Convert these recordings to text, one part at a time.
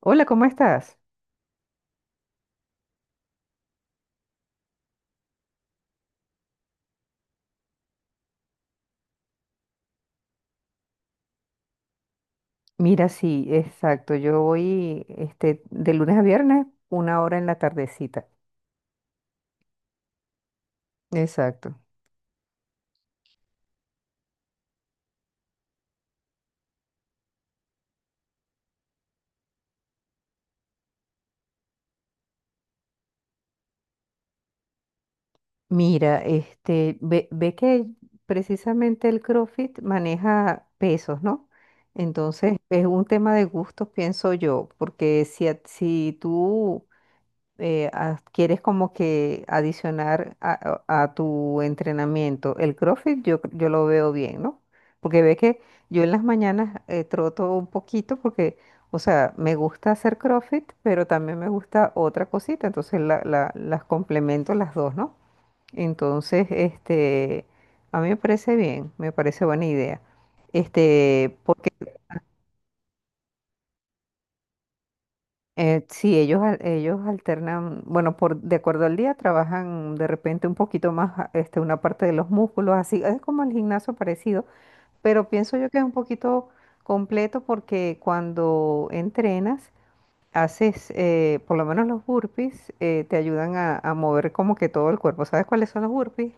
Hola, ¿cómo estás? Mira, sí, exacto. Yo voy de lunes a viernes, 1 hora en la tardecita. Exacto. Mira, ve que precisamente el CrossFit maneja pesos, ¿no? Entonces, es un tema de gustos, pienso yo, porque si, si tú quieres como que adicionar a tu entrenamiento el CrossFit, yo lo veo bien, ¿no? Porque ve que yo en las mañanas troto un poquito porque, o sea, me gusta hacer CrossFit, pero también me gusta otra cosita, entonces las complemento las dos, ¿no? Entonces, a mí me parece bien, me parece buena idea. Este, sí, ellos alternan, bueno, por, de acuerdo al día trabajan de repente un poquito más una parte de los músculos, así es como el gimnasio parecido, pero pienso yo que es un poquito completo porque cuando entrenas, haces, por lo menos los burpees, te ayudan a mover como que todo el cuerpo. ¿Sabes cuáles son los burpees?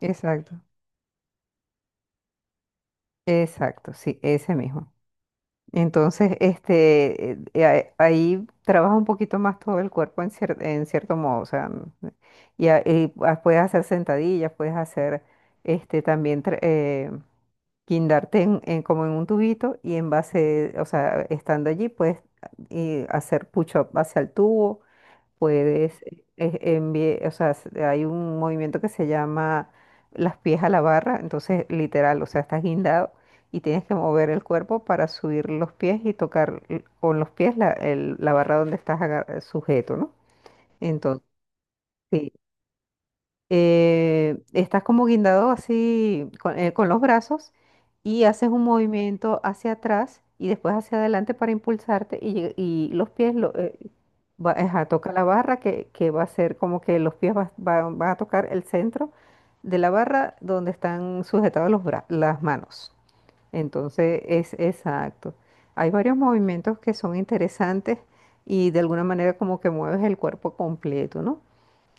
Exacto. Exacto, sí, ese mismo. Entonces, ahí trabaja un poquito más todo el cuerpo en en cierto modo, o sea, n- puedes hacer sentadillas, puedes hacer, también guindarte en como en un tubito y en base, o sea, estando allí puedes y hacer push-up hacia el tubo, puedes enviar, o sea, hay un movimiento que se llama las pies a la barra, entonces literal, o sea, estás guindado y tienes que mover el cuerpo para subir los pies y tocar con los pies la, la barra donde estás sujeto, ¿no? Entonces, sí, estás como guindado así con los brazos y haces un movimiento hacia atrás y después hacia adelante para impulsarte y, y los pies, ajá, toca la barra que va a ser como que los pies van a tocar el centro de la barra donde están sujetados los las manos. Entonces es exacto. Hay varios movimientos que son interesantes y de alguna manera como que mueves el cuerpo completo, ¿no?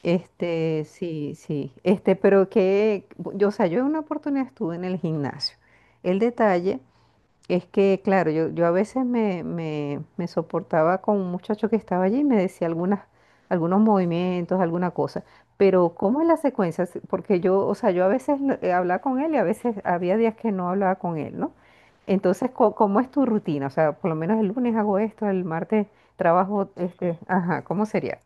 Sí, sí. Pero que, o sea, yo en una oportunidad estuve en el gimnasio. El detalle es que, claro, yo a veces me soportaba con un muchacho que estaba allí y me decía algunas, algunos movimientos, alguna cosa. Pero, ¿cómo es la secuencia? Porque yo, o sea, yo a veces hablaba con él y a veces había días que no hablaba con él, ¿no? Entonces, ¿cómo es tu rutina? O sea, por lo menos el lunes hago esto, el martes trabajo, ajá, ¿cómo sería?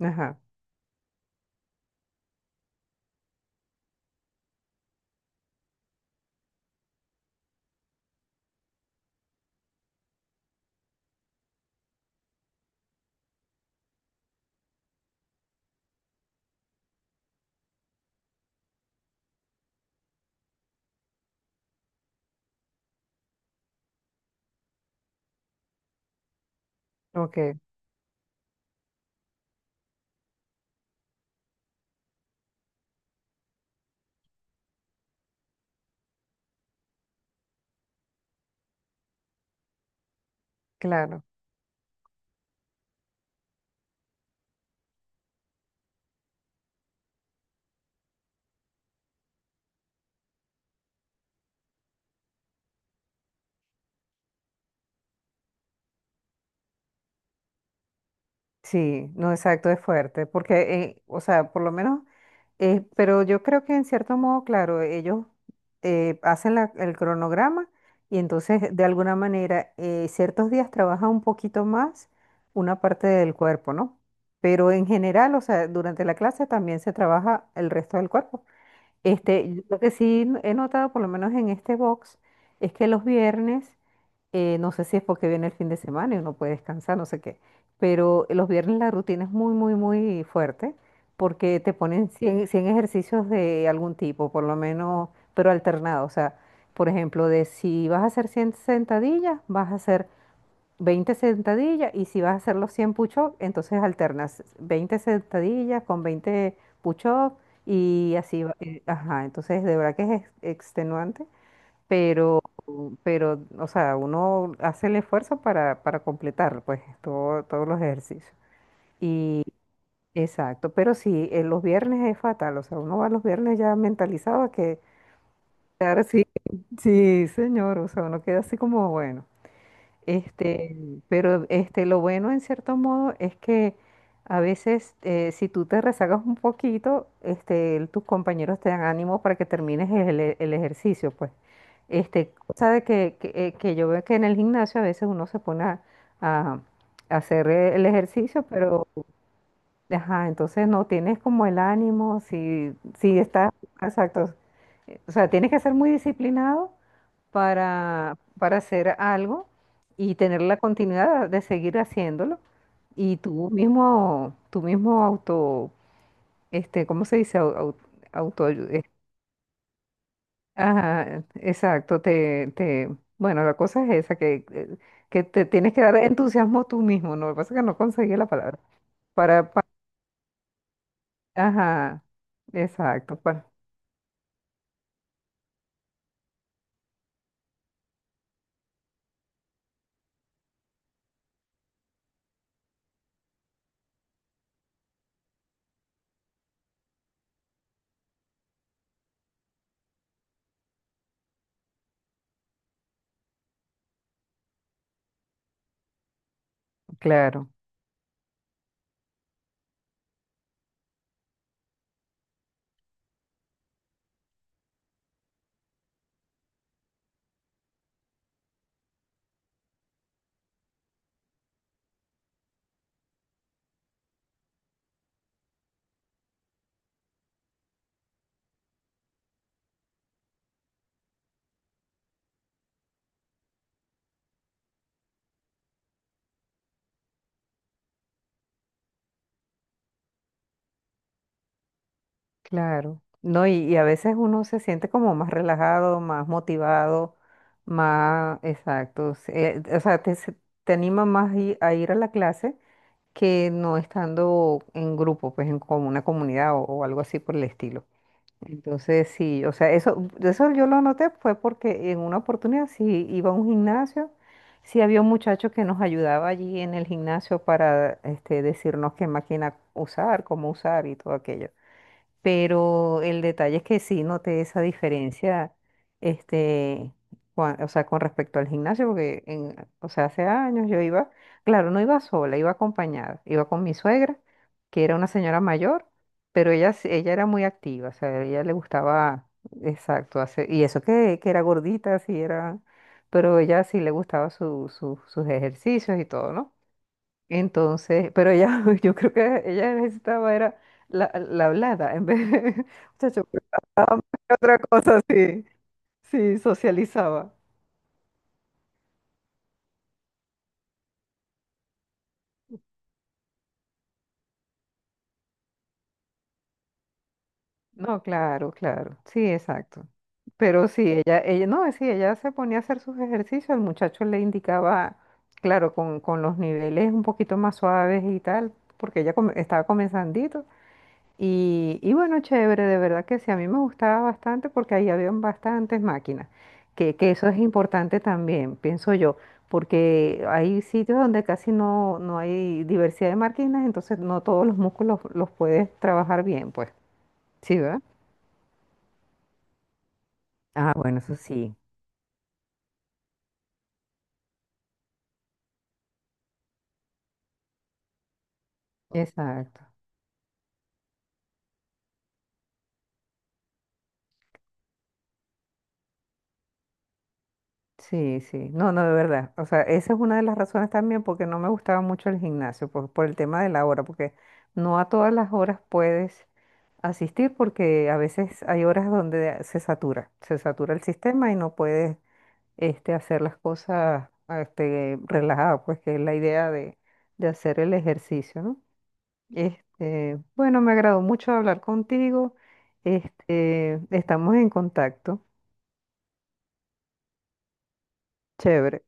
Ajá, ok, claro. Sí, no, exacto, es fuerte, porque, o sea, por lo menos, pero yo creo que en cierto modo, claro, ellos hacen el cronograma y entonces de alguna manera ciertos días trabaja un poquito más una parte del cuerpo, ¿no? Pero en general, o sea, durante la clase también se trabaja el resto del cuerpo. Yo lo que sí he notado, por lo menos en este box, es que los viernes no sé si es porque viene el fin de semana y uno puede descansar, no sé qué, pero los viernes la rutina es muy, muy, muy fuerte porque te ponen cien ejercicios de algún tipo, por lo menos, pero alternado. O sea, por ejemplo, de si vas a hacer 100 sentadillas, vas a hacer 20 sentadillas y si vas a hacer los 100 push-ups, entonces alternas 20 sentadillas con 20 push-ups y así va. Ajá, entonces de verdad que es extenuante pero, pero, o sea, uno hace el esfuerzo para completar, pues, todos los ejercicios. Y, exacto, pero sí, en los viernes es fatal, o sea, uno va los viernes ya mentalizado a que, ahora sí sí, señor, o sea, uno queda así como, bueno. Este, pero lo bueno en cierto modo es que a veces si tú te rezagas un poquito, tus compañeros te dan ánimo para que termines el ejercicio, pues. Cosa de que yo veo que en el gimnasio a veces uno se pone a hacer el ejercicio, pero ajá, entonces no tienes como el ánimo, si, si estás, exacto. O sea, tienes que ser muy disciplinado para hacer algo y tener la continuidad de seguir haciéndolo. Y tú mismo auto, ¿cómo se dice? Auto, ajá, exacto, bueno, la cosa es esa, que te tienes que dar entusiasmo tú mismo, ¿no? Lo que pasa es que no conseguí la palabra. Para, ajá, exacto, claro. Claro, no, y a veces uno se siente como más relajado, más motivado, más exacto. O sea, te anima más a ir a la clase que no estando en grupo, pues en como una comunidad o algo así por el estilo. Entonces, sí, o sea, eso yo lo noté fue porque en una oportunidad sí iba a un gimnasio, sí había un muchacho que nos ayudaba allí en el gimnasio para decirnos qué máquina usar, cómo usar y todo aquello. Pero el detalle es que sí noté esa diferencia, este, o sea, con respecto al gimnasio, porque en, o sea, hace años yo iba, claro, no iba sola, iba acompañada, iba con mi suegra, que era una señora mayor, pero ella, ella era muy activa, o sea, a ella le gustaba, exacto, hacer, y eso que era gordita, sí era, pero ella sí le gustaba su, sus ejercicios y todo, ¿no? Entonces, pero ella, yo creo que ella necesitaba era la hablada, en vez de, muchacho, ¿por qué otra cosa sí, sí, socializaba. No, claro, claro, sí, exacto. Pero sí, no, sí, ella se ponía a hacer sus ejercicios, el muchacho le indicaba, claro, con los niveles un poquito más suaves y tal, porque ella estaba comenzandito. Y bueno, chévere, de verdad que sí, a mí me gustaba bastante porque ahí habían bastantes máquinas, que eso es importante también, pienso yo, porque hay sitios donde casi no hay diversidad de máquinas, entonces no todos los músculos los puedes trabajar bien, pues. Sí, ¿verdad? Ah, bueno, eso sí. Exacto. Sí, sí, no, no, de verdad. O sea, esa es una de las razones también porque no me gustaba mucho el gimnasio, por el tema de la hora, porque no a todas las horas puedes asistir porque a veces hay horas donde se satura el sistema y no puedes hacer las cosas relajado, pues que es la idea de hacer el ejercicio, ¿no? Bueno, me agradó mucho hablar contigo. Estamos en contacto. Chévere.